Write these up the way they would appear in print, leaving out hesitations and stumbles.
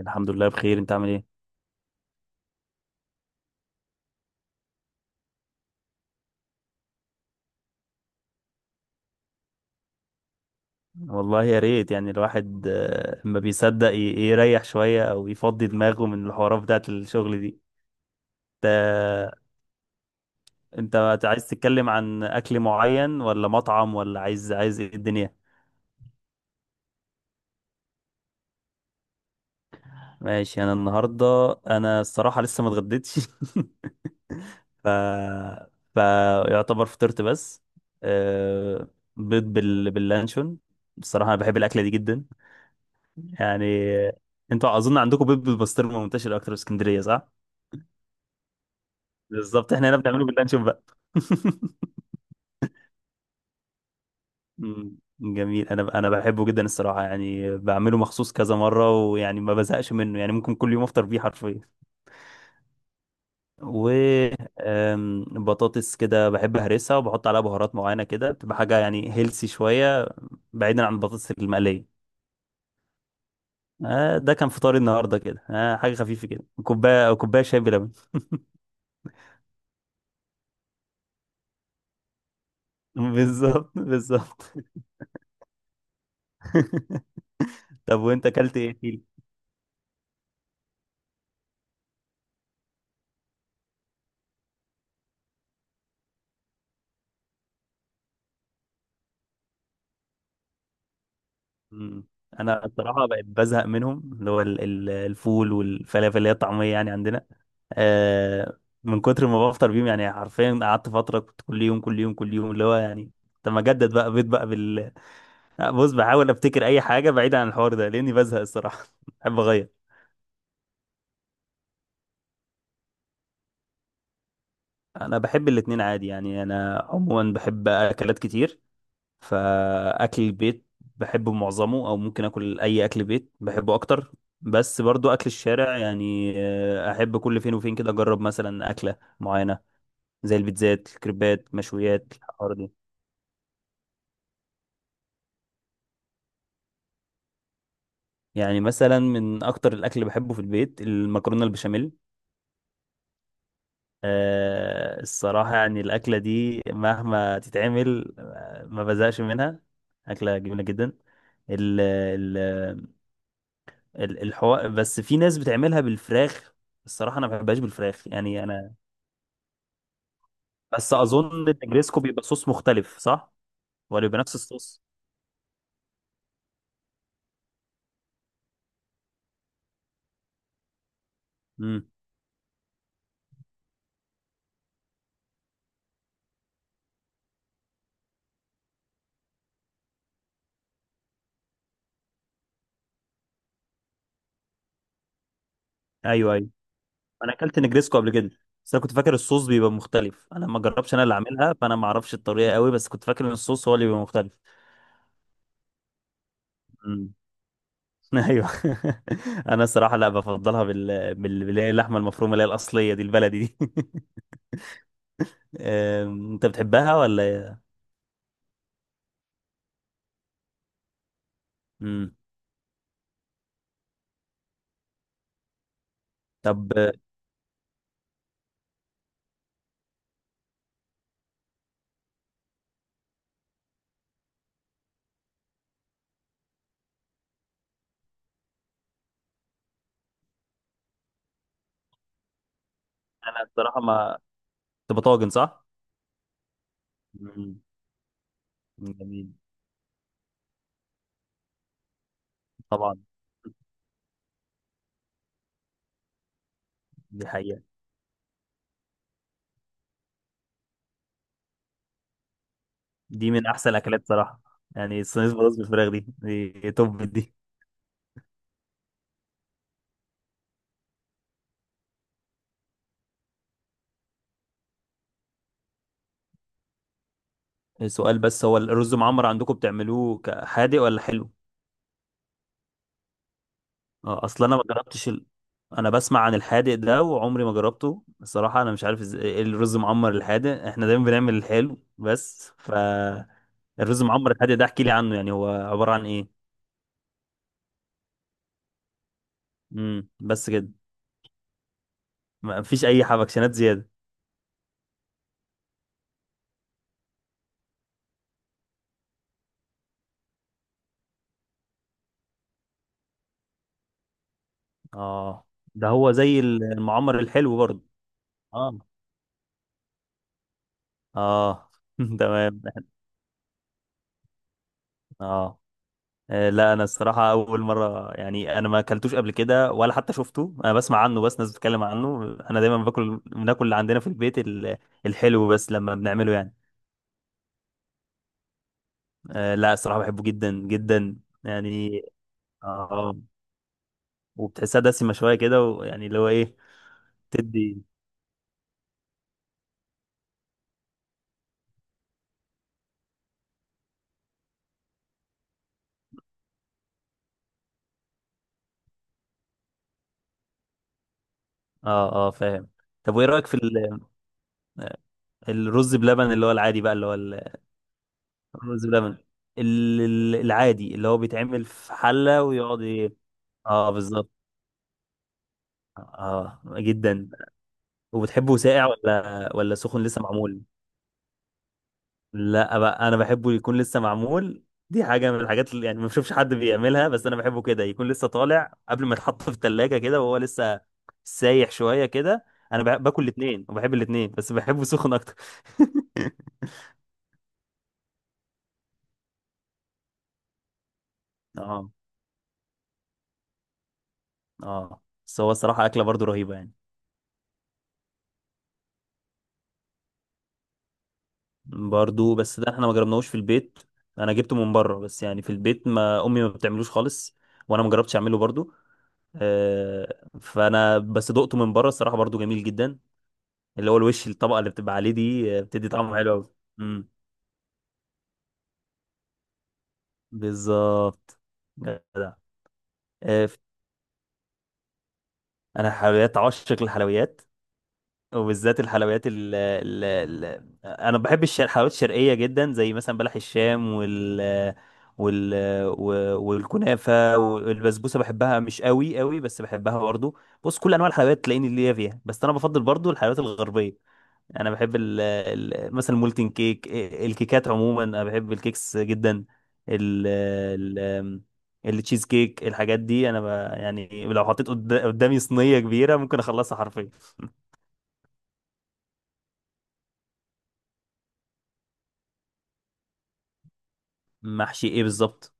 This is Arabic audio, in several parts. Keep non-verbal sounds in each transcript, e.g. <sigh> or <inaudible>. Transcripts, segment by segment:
الحمد لله بخير، انت عامل ايه؟ والله يا ريت يعني الواحد ما بيصدق يريح شوية او يفضي دماغه من الحوارات بتاعت الشغل دي. انت انت عايز تتكلم عن اكل معين ولا مطعم ولا عايز ايه الدنيا؟ ماشي، انا النهاردة، انا الصراحة لسه ما اتغديتش. <laughs> ف فيعتبر فطرت بس. آه، بيض باللانشون. الصراحة انا بحب الاكلة دي جدا. يعني انتوا اظن عندكم بيض بالبسطرمه منتشر اكتر في اسكندريه، صح؟ بالظبط، احنا هنا بنعمله باللانشون بقى. <laughs> مم، جميل. انا بحبه جدا الصراحه، يعني بعمله مخصوص كذا مره، ويعني ما بزهقش منه، يعني ممكن كل يوم افطر بيه حرفيا. و بطاطس كده بحب اهرسها وبحط عليها بهارات معينه، كده بتبقى حاجه يعني هيلسي شويه، بعيدا عن البطاطس المقليه. ده كان فطاري النهارده كده، حاجه خفيفه كده، كوبايه شاي بلبن. <laughs> بالظبط بالظبط. <laughs> طب وانت اكلت ايه فيل؟ مم. انا بصراحه بقيت بزهق منهم، اللي هو الفول والفلافل اللي هي الطعميه يعني عندنا. آه من كتر ما بفطر بيهم، يعني حرفيا قعدت فتره كنت كل يوم كل يوم كل يوم اللي هو يعني. طب ما اجدد بقى بيض بقى بص بحاول افتكر اي حاجه بعيده عن الحوار ده لاني بزهق الصراحه. <laughs> بحب اغير. انا بحب الاتنين عادي، يعني انا عموما بحب اكلات كتير. فاكل البيت بحبه معظمه، او ممكن اكل اي اكل بيت بحبه اكتر. بس برضو اكل الشارع يعني احب كل فين وفين كده اجرب مثلا اكله معينه، زي البيتزات الكريبات مشويات الحوار دي. يعني مثلا من اكتر الاكل اللي بحبه في البيت المكرونه البشاميل. الصراحه يعني الاكله دي مهما تتعمل ما بزهقش منها، اكله جميله جدا. ال الحوار بس في ناس بتعملها بالفراخ. الصراحة أنا ما بحبهاش بالفراخ، يعني أنا. بس أظن النجريسكو بيبقى صوص مختلف، صح؟ ولا بيبقى نفس الصوص؟ امم. أيوه أيوه، أنا أكلت نجريسكو قبل كده. بس أنا كنت فاكر الصوص بيبقى مختلف، أنا ما جربتش، أنا اللي عاملها، فأنا ما أعرفش الطريقة قوي، بس كنت فاكر إن الصوص هو اللي بيبقى مختلف. امم. <laughs> أيوه. <laughs> أنا الصراحة لا بفضلها بال بال اللي هي اللحمة المفرومة، اللي هي الأصلية دي، البلدي دي. <laughs> أنت بتحبها ولا إيه؟ امم طب، أنا الصراحة ما، تبقى طاجن، صح؟ مم. جميل طبعا. دي حقيقة، دي من أحسن الأكلات صراحة، يعني الصينية بالرز بالفراخ دي توب دي. سؤال، بس هو الرز معمر عندكم بتعملوه حادق ولا حلو؟ اه، اصل انا ما جربتش انا بسمع عن الحادق ده وعمري ما جربته الصراحه، انا مش عارف ازاي إيه الرز معمر الحادق، احنا دايما بنعمل الحلو بس. الرز معمر الحادق ده احكي لي عنه، يعني هو عباره عن ايه؟ امم، بس كده؟ ما فيش اي حبكشنات زياده؟ اه، ده هو زي المعمر الحلو برضه. اه اه. <laughs> تمام اه. لا انا الصراحه اول مره، يعني انا ما اكلتوش قبل كده ولا حتى شفته، انا بسمع عنه بس، ناس بتتكلم عنه. انا دايما بناكل اللي عندنا في البيت الحلو بس لما بنعمله يعني. لا الصراحه بحبه جدا جدا. يعني اه وبتحسها دسمه شويه كده، ويعني اللي هو ايه. تدي. اه اه، فاهم. طب وايه رايك في الرز بلبن اللي هو العادي بقى، اللي هو الرز بلبن العادي اللي هو بيتعمل في حلة ويقعد؟ اه بالظبط، اه جدا. وبتحبه ساقع ولا سخن لسه معمول؟ لا بقى، انا بحبه يكون لسه معمول. دي حاجه من الحاجات اللي يعني ما بشوفش حد بيعملها، بس انا بحبه كده يكون لسه طالع قبل ما يتحط في الثلاجه كده وهو لسه سايح شويه كده. انا باكل الاثنين وبحب الاثنين، بس بحبه سخن اكتر. <laughs> اه اه. بس هو الصراحه اكله برضو رهيبه يعني. برضو بس ده احنا ما جربناهوش في البيت، انا جبته من بره بس، يعني في البيت ما امي ما بتعملوش خالص، وانا ما جربتش اعمله برضو. آه، فانا بس دقته من بره الصراحه، برضو جميل جدا، اللي هو الوش الطبقه اللي بتبقى عليه دي بتدي طعم حلو قوي. امم، بالظبط، جدع. آه، انا حلويات، عاشق للحلويات، وبالذات الحلويات ال ال ال انا بحب الحلويات الشرقيه جدا، زي مثلا بلح الشام وال والكنافه والبسبوسه، بحبها مش قوي قوي بس بحبها برضو. بص، كل انواع الحلويات تلاقيني ليا فيها، بس انا بفضل برضو الحلويات الغربيه. انا بحب ال ال مثلا المولتن كيك، الكيكات عموما انا بحب الكيكس جدا، ال ال التشيز كيك، الحاجات دي انا يعني لو حطيت قدامي صينيه كبيره ممكن اخلصها حرفيا. محشي ايه بالظبط؟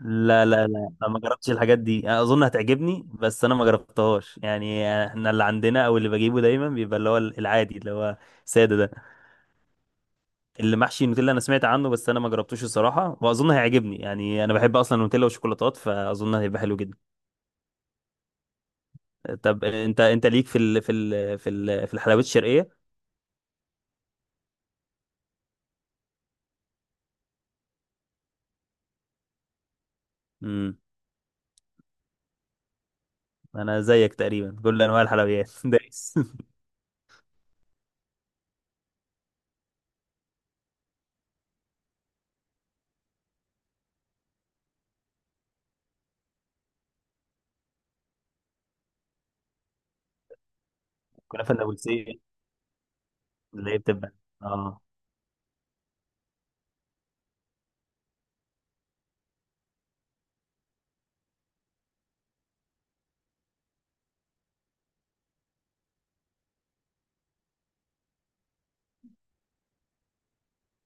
لا لا لا، انا ما جربتش الحاجات دي، انا اظن هتعجبني بس انا ما جربتهاش، يعني احنا اللي عندنا او اللي بجيبه دايما بيبقى اللي هو العادي اللي هو ساده ده. اللي محشي النوتيلا انا سمعت عنه بس انا ما جربتوش الصراحه، واظن هيعجبني يعني انا بحب اصلا النوتيلا والشوكولاتات، فاظن هيبقى حلو جدا. طب انت ليك في الحلويات الشرقيه؟ امم انا زيك تقريبا، كل انواع الحلويات <laughs> دايس. كنافه النابلسيه، اللي هي بتبقى اه،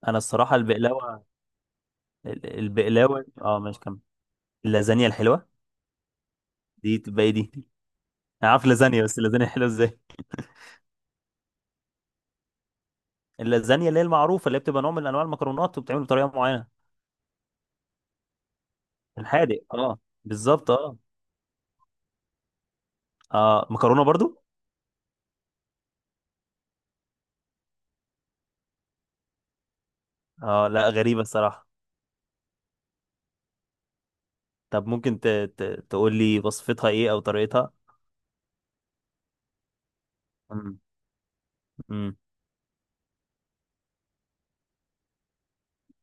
انا الصراحه البقلاوه، البقلاوه اه، ماشي كمل. اللازانيا الحلوه دي تبقى ايه دي؟ انا عارف لازانيا، بس اللازانيا حلوه ازاي؟ اللازانيا اللي هي المعروفه، اللي هي بتبقى نوع من انواع المكرونات وبتعمل بطريقه معينه. الحادق اه، بالظبط اه. اه مكرونه برضو. اه لا، غريبه الصراحه. طب ممكن تقول لي وصفتها ايه او طريقتها؟ مم. مم.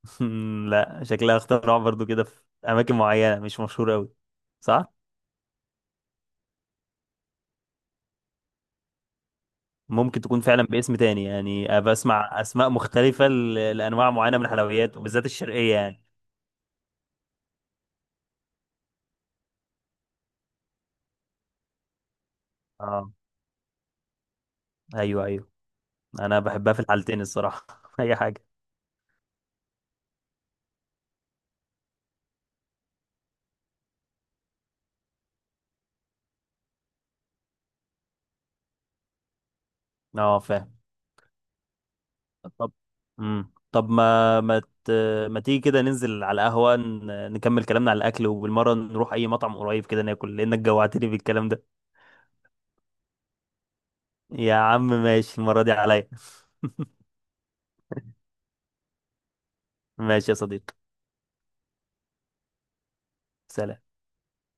<laughs> لا شكلها اختراع برضو كده، في اماكن معينه مش مشهوره قوي. صح. ممكن تكون فعلا باسم تاني يعني، أبقى اسمع اسماء مختلفه لانواع معينه من الحلويات وبالذات الشرقيه يعني. اه ايوه ايوه، انا بحبها في الحالتين الصراحه. <laughs> اي حاجه. اه فاهم. طب طب ما ما ت... ما تيجي كده ننزل على القهوه، نكمل كلامنا على الاكل، وبالمره نروح اي مطعم قريب كده ناكل، لانك جوعتني بالكلام ده. يا عم ماشي، المره دي عليا. <laughs> ماشي يا صديقي. سلام.